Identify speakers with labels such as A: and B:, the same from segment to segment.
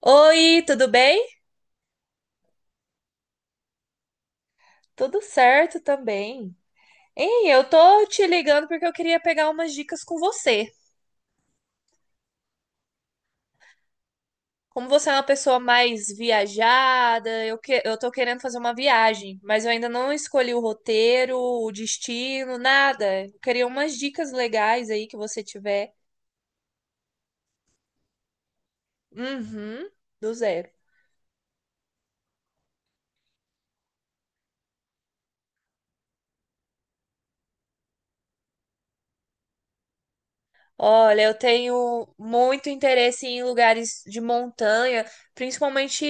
A: Oi, tudo bem? Tudo certo também. Ei, eu tô te ligando porque eu queria pegar umas dicas com você. Como você é uma pessoa mais viajada, eu tô querendo fazer uma viagem, mas eu ainda não escolhi o roteiro, o destino, nada. Eu queria umas dicas legais aí que você tiver. Uhum, do zero. Olha, eu tenho muito interesse em lugares de montanha, principalmente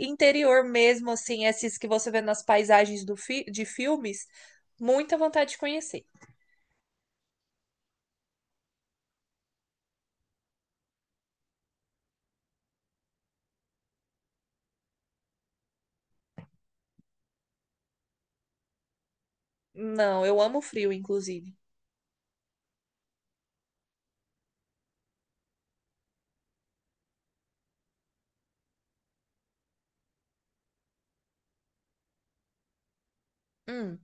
A: interior mesmo, assim, esses que você vê nas paisagens de filmes. Muita vontade de conhecer. Não, eu amo frio, inclusive. Hum.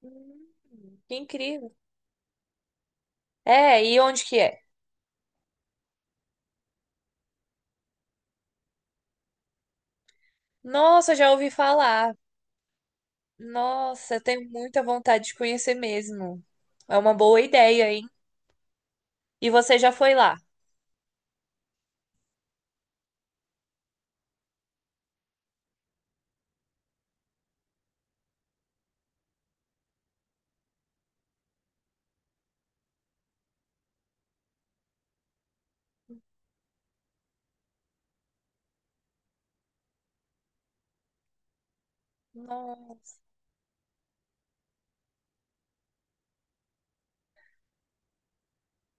A: Hum, que incrível. É, e onde que é? Nossa, já ouvi falar. Nossa, eu tenho muita vontade de conhecer mesmo. É uma boa ideia, hein? E você já foi lá? Nossa.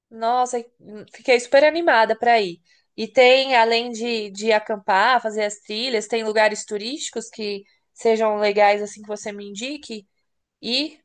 A: Nossa, fiquei super animada para ir. E tem, além de acampar, fazer as trilhas, tem lugares turísticos que sejam legais assim que você me indique. E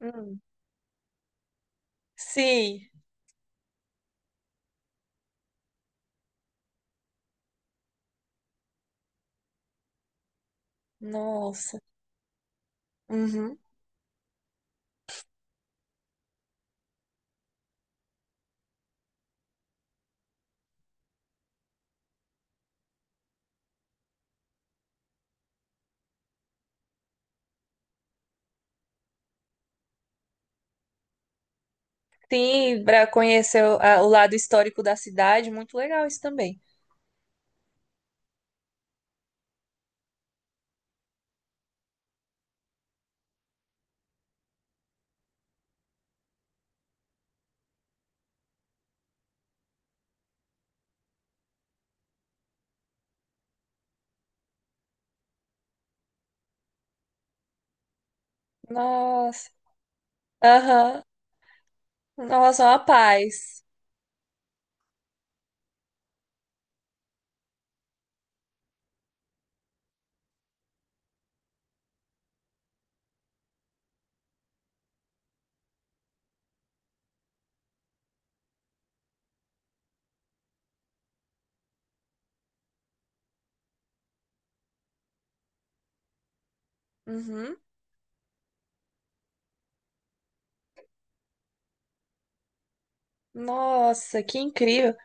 A: hum. Sim, nossa. Uhum. Sim, para conhecer o lado histórico da cidade, muito legal isso também. Nossa, aham. Em relação à paz. Uhum. Nossa, que incrível.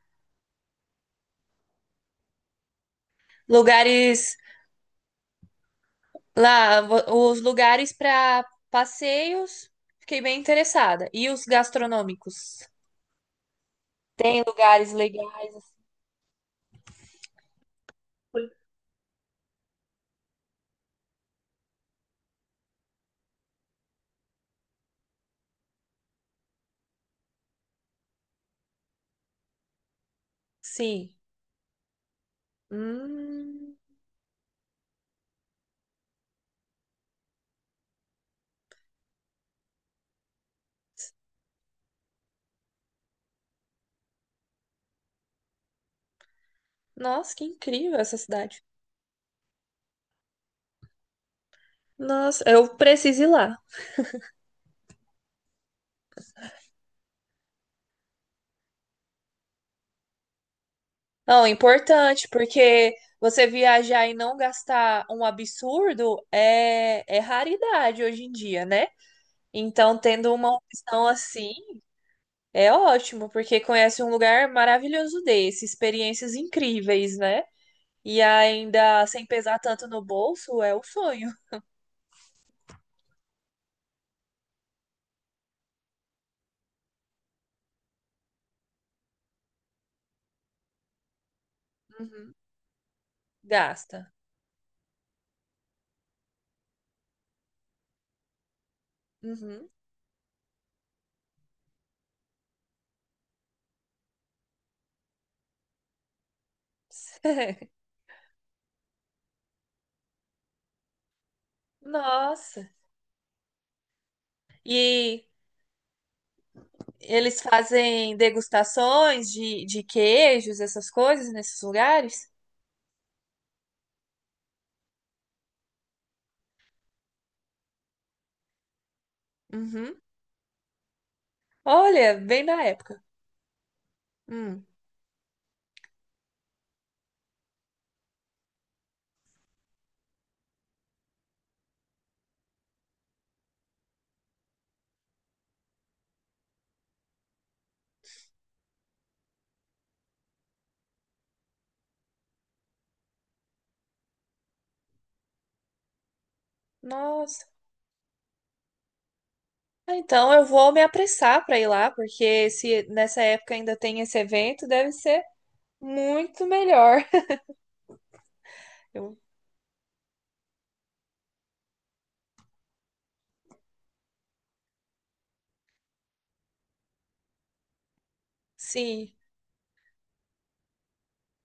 A: Lugares lá, os lugares para passeios, fiquei bem interessada. E os gastronômicos? Tem lugares legais? Sim. Hum, nossa, que incrível essa cidade. Nossa, eu preciso ir lá. Não, é importante, porque você viajar e não gastar um absurdo é raridade hoje em dia, né? Então, tendo uma opção assim, é ótimo, porque conhece um lugar maravilhoso desse, experiências incríveis, né? E ainda sem pesar tanto no bolso, é o sonho. Uhum. Gasta. Uhum. Nossa. E eles fazem degustações de queijos, essas coisas, nesses lugares? Uhum. Olha, bem da época. Hum. Nossa. Ah, então eu vou me apressar para ir lá, porque se nessa época ainda tem esse evento, deve ser muito melhor. Eu- sim.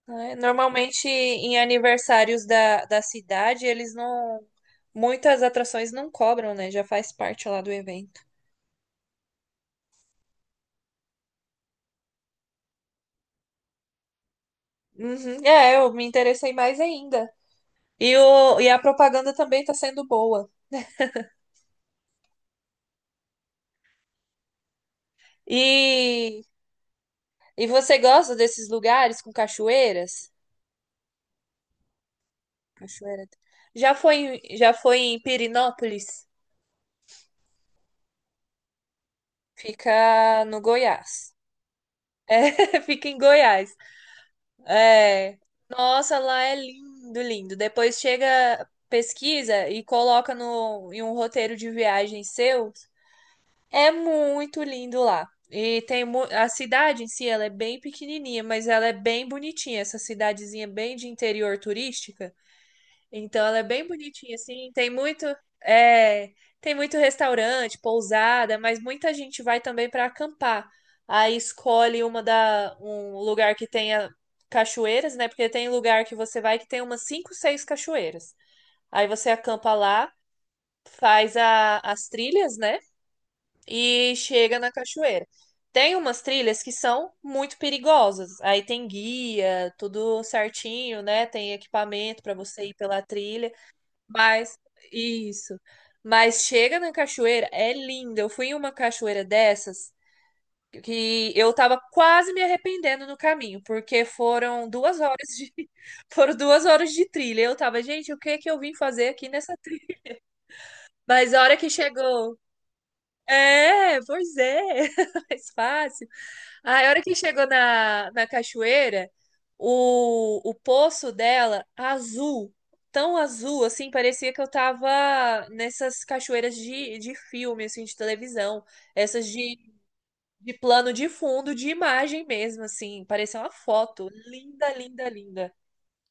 A: Né? Normalmente em aniversários da cidade, eles não. Muitas atrações não cobram, né? Já faz parte lá do evento. Uhum, é, eu me interessei mais ainda. E a propaganda também está sendo boa. E, e você gosta desses lugares com cachoeiras? Cachoeira. Já foi, já foi em Pirinópolis? Fica no Goiás. É, fica em Goiás. É. Nossa, lá é lindo, lindo. Depois chega, pesquisa e coloca no, em um roteiro de viagem seu. É muito lindo lá. E tem a cidade em si, ela é bem pequenininha, mas ela é bem bonitinha. Essa cidadezinha bem de interior turística. Então ela é bem bonitinha, assim. É, tem muito restaurante, pousada, mas muita gente vai também para acampar. Aí escolhe um lugar que tenha cachoeiras, né? Porque tem lugar que você vai que tem umas cinco, seis cachoeiras. Aí você acampa lá, faz as trilhas, né? E chega na cachoeira. Tem umas trilhas que são muito perigosas. Aí tem guia, tudo certinho, né? Tem equipamento para você ir pela trilha. Mas, isso. Mas chega na cachoeira, é linda. Eu fui em uma cachoeira dessas que eu tava quase me arrependendo no caminho, porque foram 2 horas foram 2 horas de trilha. Eu tava, gente, o que que eu vim fazer aqui nessa trilha? Mas a hora que chegou, é, pois é, mais fácil. Aí, a hora que chegou na cachoeira, o poço dela, azul, tão azul, assim, parecia que eu tava nessas cachoeiras de filme, assim, de televisão. Essas de, de plano de fundo, de imagem mesmo, assim. Parecia uma foto. Linda, linda, linda.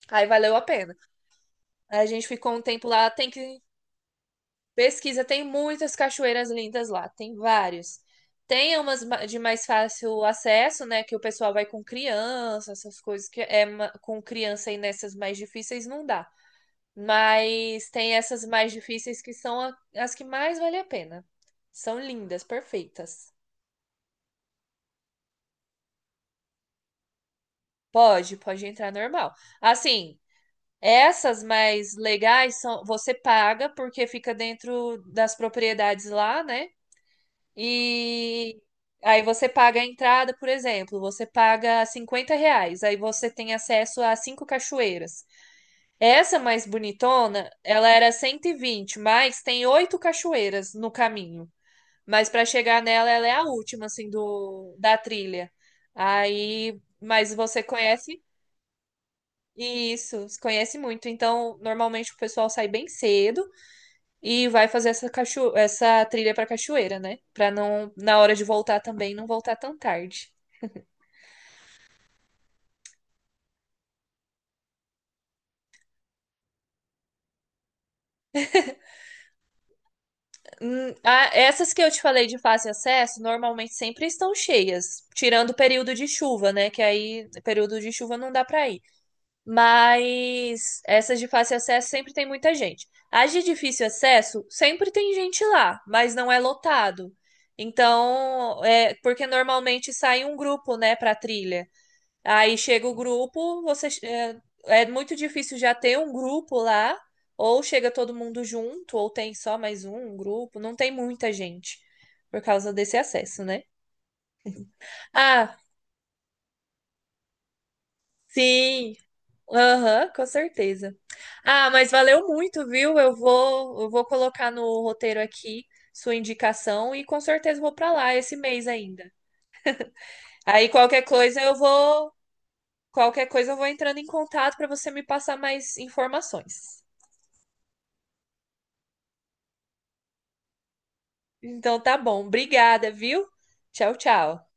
A: Aí valeu a pena. Aí a gente ficou um tempo lá, tem que pesquisa, tem muitas cachoeiras lindas lá, tem vários. Tem umas de mais fácil acesso, né? Que o pessoal vai com criança, essas coisas que é com criança e nessas mais difíceis não dá. Mas tem essas mais difíceis que são as que mais vale a pena. São lindas, perfeitas. Pode, pode entrar normal. Assim, essas mais legais são, você paga porque fica dentro das propriedades lá, né? E aí você paga a entrada, por exemplo, você paga R$ 50, aí você tem acesso a cinco cachoeiras. Essa mais bonitona, ela era 120, mas tem oito cachoeiras no caminho. Mas para chegar nela, ela é a última, assim, da trilha. Aí, mas você conhece isso, conhece muito. Então, normalmente o pessoal sai bem cedo e vai fazer essa, cacho... essa trilha pra cachoeira, né? Pra não, na hora de voltar também, não voltar tão tarde. Essas que eu te falei de fácil acesso, normalmente sempre estão cheias, tirando o período de chuva, né? Que aí, período de chuva não dá pra ir. Mas essas de fácil acesso sempre tem muita gente. As de difícil acesso, sempre tem gente lá, mas não é lotado. Então, é porque normalmente sai um grupo, né, pra trilha. Aí chega o grupo, é muito difícil já ter um grupo lá, ou chega todo mundo junto, ou tem só mais um grupo, não tem muita gente por causa desse acesso, né? Ah, sim. Aham, com certeza. Ah, mas valeu muito, viu? Eu vou colocar no roteiro aqui sua indicação e com certeza vou para lá esse mês ainda. Aí qualquer coisa eu vou, qualquer coisa eu vou entrando em contato para você me passar mais informações. Então tá bom. Obrigada, viu? Tchau, tchau.